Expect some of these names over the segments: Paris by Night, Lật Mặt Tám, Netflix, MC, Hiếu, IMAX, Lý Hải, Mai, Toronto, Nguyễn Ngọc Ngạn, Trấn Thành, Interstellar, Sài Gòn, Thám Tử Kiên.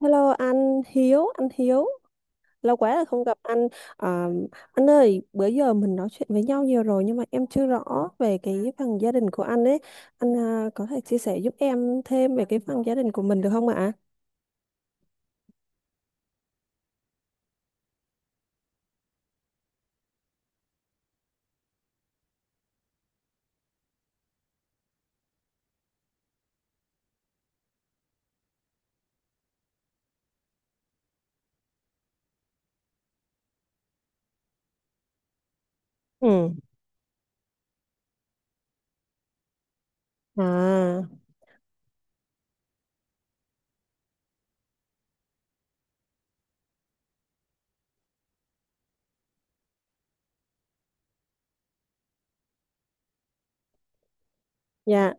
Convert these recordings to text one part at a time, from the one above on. Hello anh Hiếu, lâu quá rồi không gặp anh. À, anh ơi, bữa giờ mình nói chuyện với nhau nhiều rồi nhưng mà em chưa rõ về cái phần gia đình của anh ấy. Anh à, có thể chia sẻ giúp em thêm về cái phần gia đình của mình được không ạ? Ừ. À, dạ.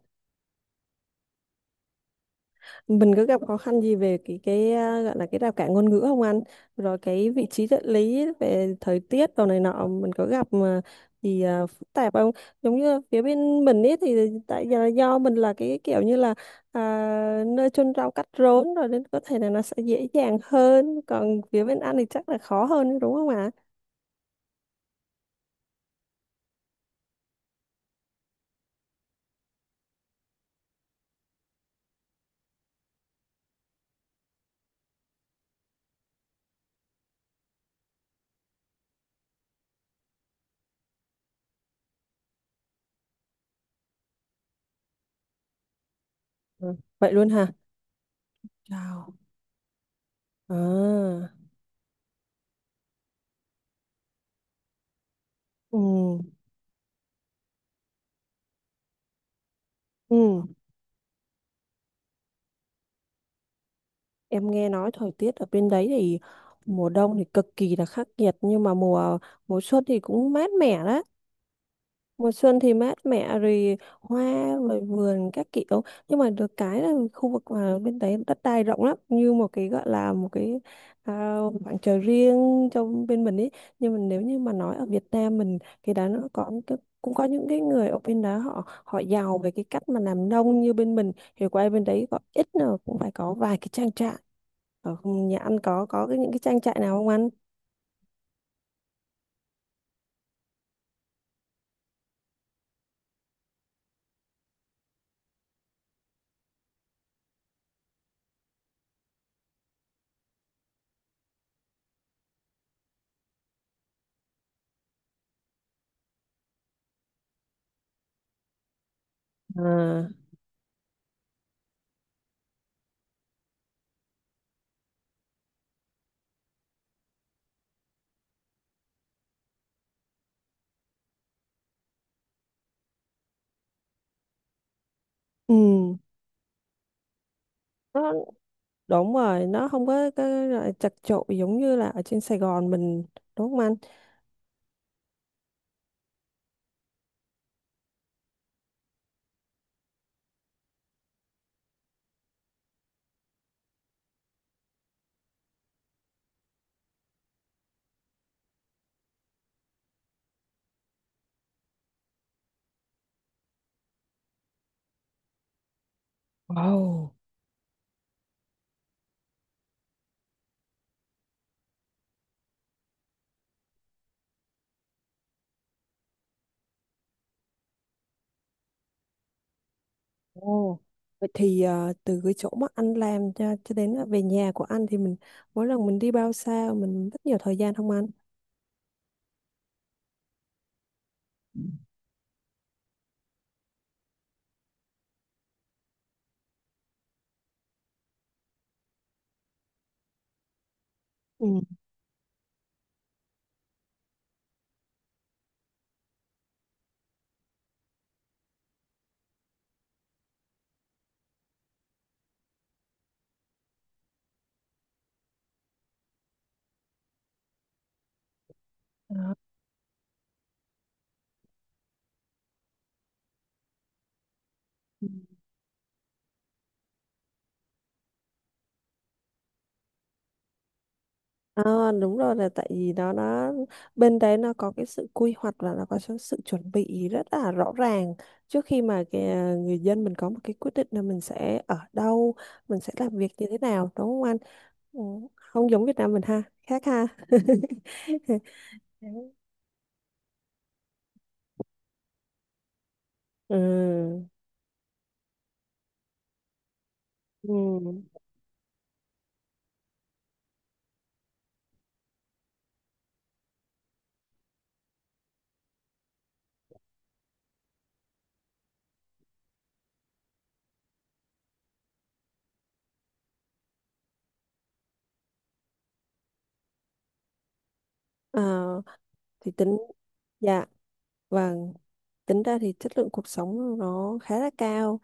Mình có gặp khó khăn gì về cái à, gọi là cái rào cản ngôn ngữ không anh, rồi cái vị trí địa lý về thời tiết đồ này nọ mình có gặp mà thì à, phức tạp không, giống như phía bên mình ấy thì tại do mình là cái kiểu như là à, nơi chôn rau cắt rốn rồi nên có thể là nó sẽ dễ dàng hơn, còn phía bên anh thì chắc là khó hơn đúng không ạ? Ừ, vậy luôn hả? Chào. À, ừ, ừ. Em nghe nói thời tiết ở bên đấy thì mùa đông thì cực kỳ là khắc nghiệt nhưng mà mùa mùa xuân thì cũng mát mẻ đấy. Mùa xuân thì mát mẻ rồi hoa, rồi vườn các kiểu, nhưng mà được cái là khu vực mà bên đấy đất đai rộng lắm, như một cái gọi là một cái à, khoảng trời riêng cho bên mình ấy. Nhưng mà nếu như mà nói ở Việt Nam mình thì đã nó có những cái, cũng có những cái người ở bên đó họ họ giàu về cái cách mà làm nông, như bên mình thì qua bên đấy có ít nào cũng phải có vài cái trang trại. Ở nhà anh có cái những cái trang trại nào không anh? À, ừ. Đúng rồi, nó không có cái loại chật chội giống như là ở trên Sài Gòn mình, đúng không anh? Wow. Ồ. Vậy thì ờ, từ cái chỗ mà anh làm cho đến là về nhà của anh thì mình mỗi lần mình đi bao xa, mình rất nhiều thời gian không anh? Ừ. Đó. À, đúng rồi, là tại vì nó bên đấy nó có cái sự quy hoạch và nó có sự sự chuẩn bị rất là rõ ràng trước khi mà cái, ờ, người dân mình có một cái quyết định là mình sẽ ở đâu, mình sẽ làm việc như thế nào, đúng không anh? Ừ, không giống Việt Nam mình ha, khác ha. Ừ. Ừ. À, thì tính. Dạ, vâng. Tính ra thì chất lượng cuộc sống nó khá là cao,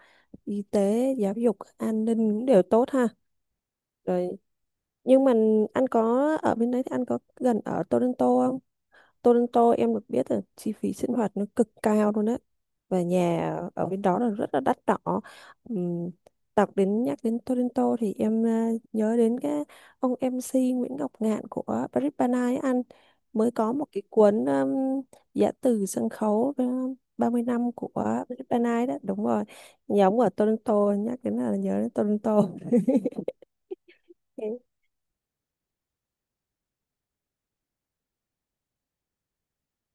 y tế, giáo dục, an ninh cũng đều tốt ha. Rồi, nhưng mà anh có ở bên đấy thì anh có gần ở Toronto không? Toronto em được biết là chi phí sinh hoạt nó cực cao luôn á, và nhà ở bên đó là rất là đắt đỏ. Ừm, đọc đến, nhắc đến Toronto thì em à, nhớ đến cái ông MC Nguyễn Ngọc Ngạn của Paris by Night ấy anh, mới có một cái cuốn giã từ sân khấu 30 năm của Paris by Night đó, đúng rồi. Nhà ở Toronto, nhắc đến là nhớ đến Toronto.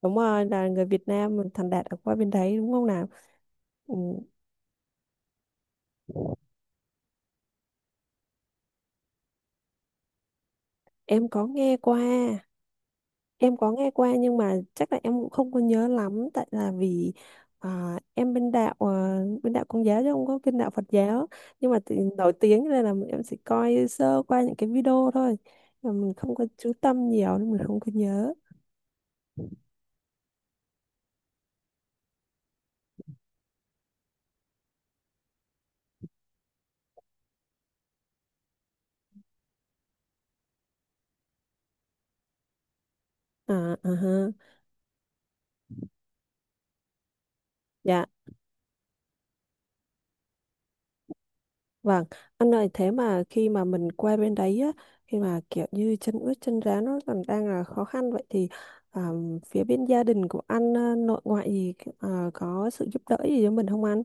Đúng rồi, là người Việt Nam mình thành đạt ở qua bên đấy, đúng không nào? Ừm. Em có nghe qua, em có nghe qua nhưng mà chắc là em cũng không có nhớ lắm, tại là vì à, em bên đạo à, bên đạo Công giáo chứ không có bên đạo Phật giáo. Nhưng mà thì nổi tiếng nên là em chỉ coi sơ qua những cái video thôi, mà mình không có chú tâm nhiều nên mình không có nhớ. À, à ha. Dạ. Vâng, anh ơi thế mà khi mà mình qua bên đấy á, khi mà kiểu như chân ướt chân ráo nó còn đang là khó khăn, vậy thì à, phía bên gia đình của anh à, nội ngoại gì à, có sự giúp đỡ gì cho mình không anh?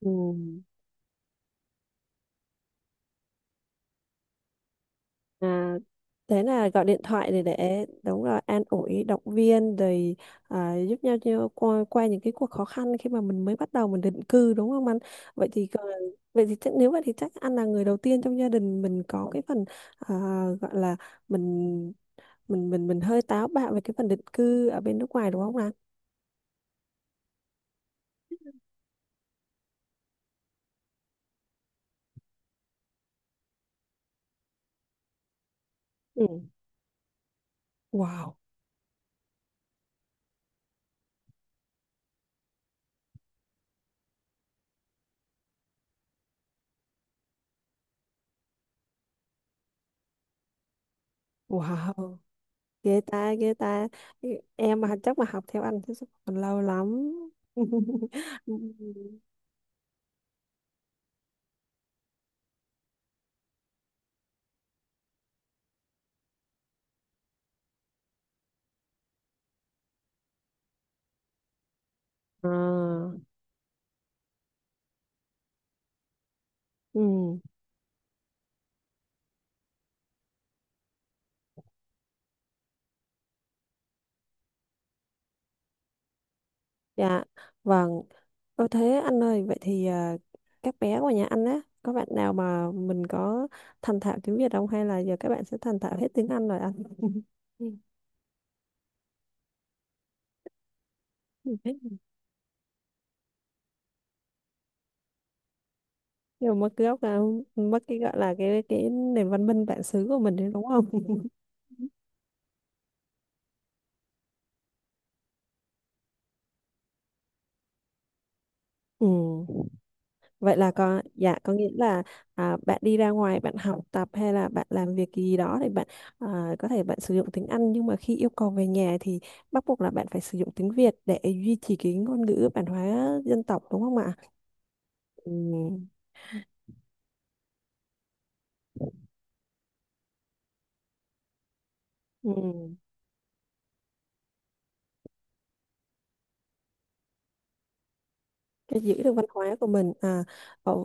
Ừ. À, thế là gọi điện thoại để đúng rồi, an ủi động viên rồi à, giúp nhau nhau qua những cái cuộc khó khăn khi mà mình mới bắt đầu mình định cư, đúng không anh? Vậy thì còn, vậy thì chắc, nếu vậy thì chắc anh là người đầu tiên trong gia đình mình có cái phần à, gọi là mình mình hơi táo bạo về cái phần định cư ở bên nước ngoài, đúng không Lan? Ừ. Wow, wow, ghê ta, ghê ta. Em mà chắc mà học theo anh thì chắc còn lâu lắm. Ừ. À, ừ, dạ, vâng. Ô thế anh ơi, vậy thì à, các bé của nhà anh á, có bạn nào mà mình có thành thạo tiếng Việt không, hay là giờ các bạn sẽ thành thạo hết tiếng Anh rồi anh? Nhưng mà mất cái gốc là mất cái gọi là cái nền văn minh bản xứ của mình đấy, đúng không? Ừ. Vậy là có, dạ, có nghĩa là à, bạn đi ra ngoài bạn học tập hay là bạn làm việc gì đó thì bạn à, có thể bạn sử dụng tiếng Anh, nhưng mà khi yêu cầu về nhà thì bắt buộc là bạn phải sử dụng tiếng Việt để duy trì cái ngôn ngữ bản hóa dân tộc, đúng không ạ? Ừ. Ừ. Cái giữ được văn hóa của mình à, ờ,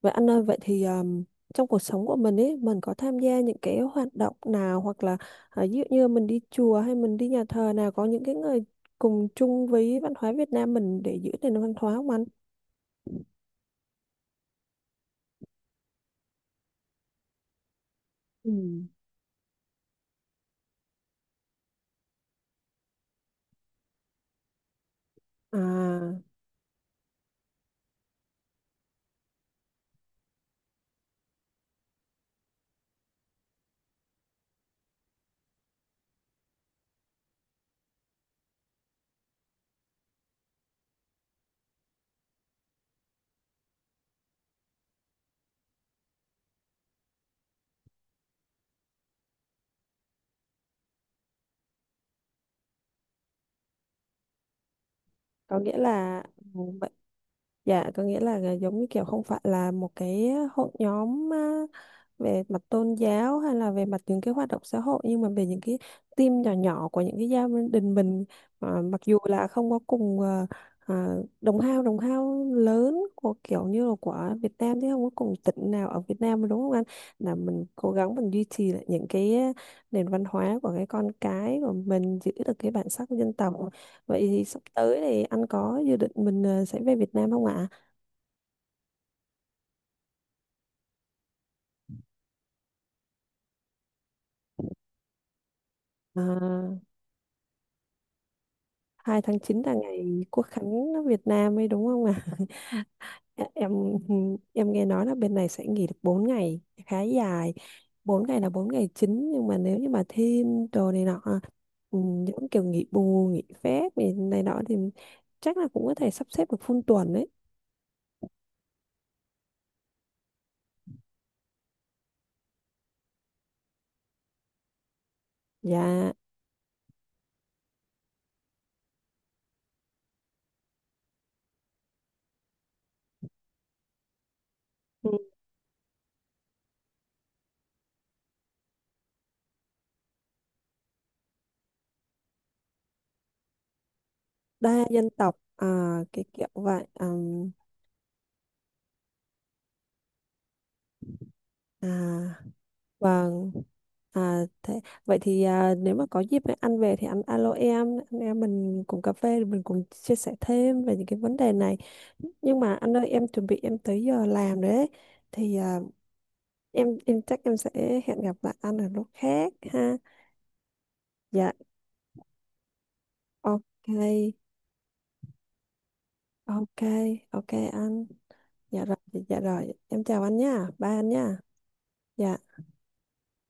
vậy anh ơi, vậy thì trong cuộc sống của mình ấy, mình có tham gia những cái hoạt động nào hoặc là à, ví dụ như mình đi chùa hay mình đi nhà thờ nào có những cái người cùng chung với văn hóa Việt Nam mình để giữ nền văn hóa không anh? Ừ. À, có nghĩa là, ừ, vậy, dạ, có nghĩa là ờ, giống như kiểu không phải là một cái hội nhóm về mặt tôn giáo hay là về mặt những cái hoạt động xã hội, nhưng mà về những cái team nhỏ nhỏ của những cái gia đình mình à, mặc dù là không có cùng à, à, đồng hao lớn của kiểu như là của Việt Nam, chứ không có cùng tỉnh nào ở Việt Nam, đúng không anh? Là mình cố gắng mình duy trì lại những cái à, nền văn hóa của cái con cái của mình, giữ được cái bản sắc của dân tộc. Vậy thì sắp tới thì anh có dự định mình à, sẽ về Việt Nam không ạ? À? 2/9 là ngày Quốc khánh nước Việt Nam ấy, đúng không ạ? À? Em nghe nói là bên này sẽ nghỉ được 4 ngày, khá dài. Bốn ngày là 4 ngày chính, nhưng mà nếu như mà thêm đồ này nọ, ừ, những kiểu nghỉ bù, nghỉ phép này, này nọ thì chắc là cũng có thể sắp xếp được full tuần đấy. Dạ, ừ, đa dân tộc à, cái kiểu vậy. Ừm, à, vâng. À, thế, vậy thì à, nếu mà có dịp anh ăn về thì anh alo em, anh em mình cùng cà phê mình cùng chia sẻ thêm về những cái vấn đề này. Nhưng mà anh ơi em chuẩn bị em tới giờ làm rồi đấy. Thì à, em chắc em sẽ hẹn gặp lại anh ở lúc khác ha. Dạ, ok. Ok, ok anh. Dạ rồi, dạ rồi. Em chào anh nha. Bye anh nha. Dạ.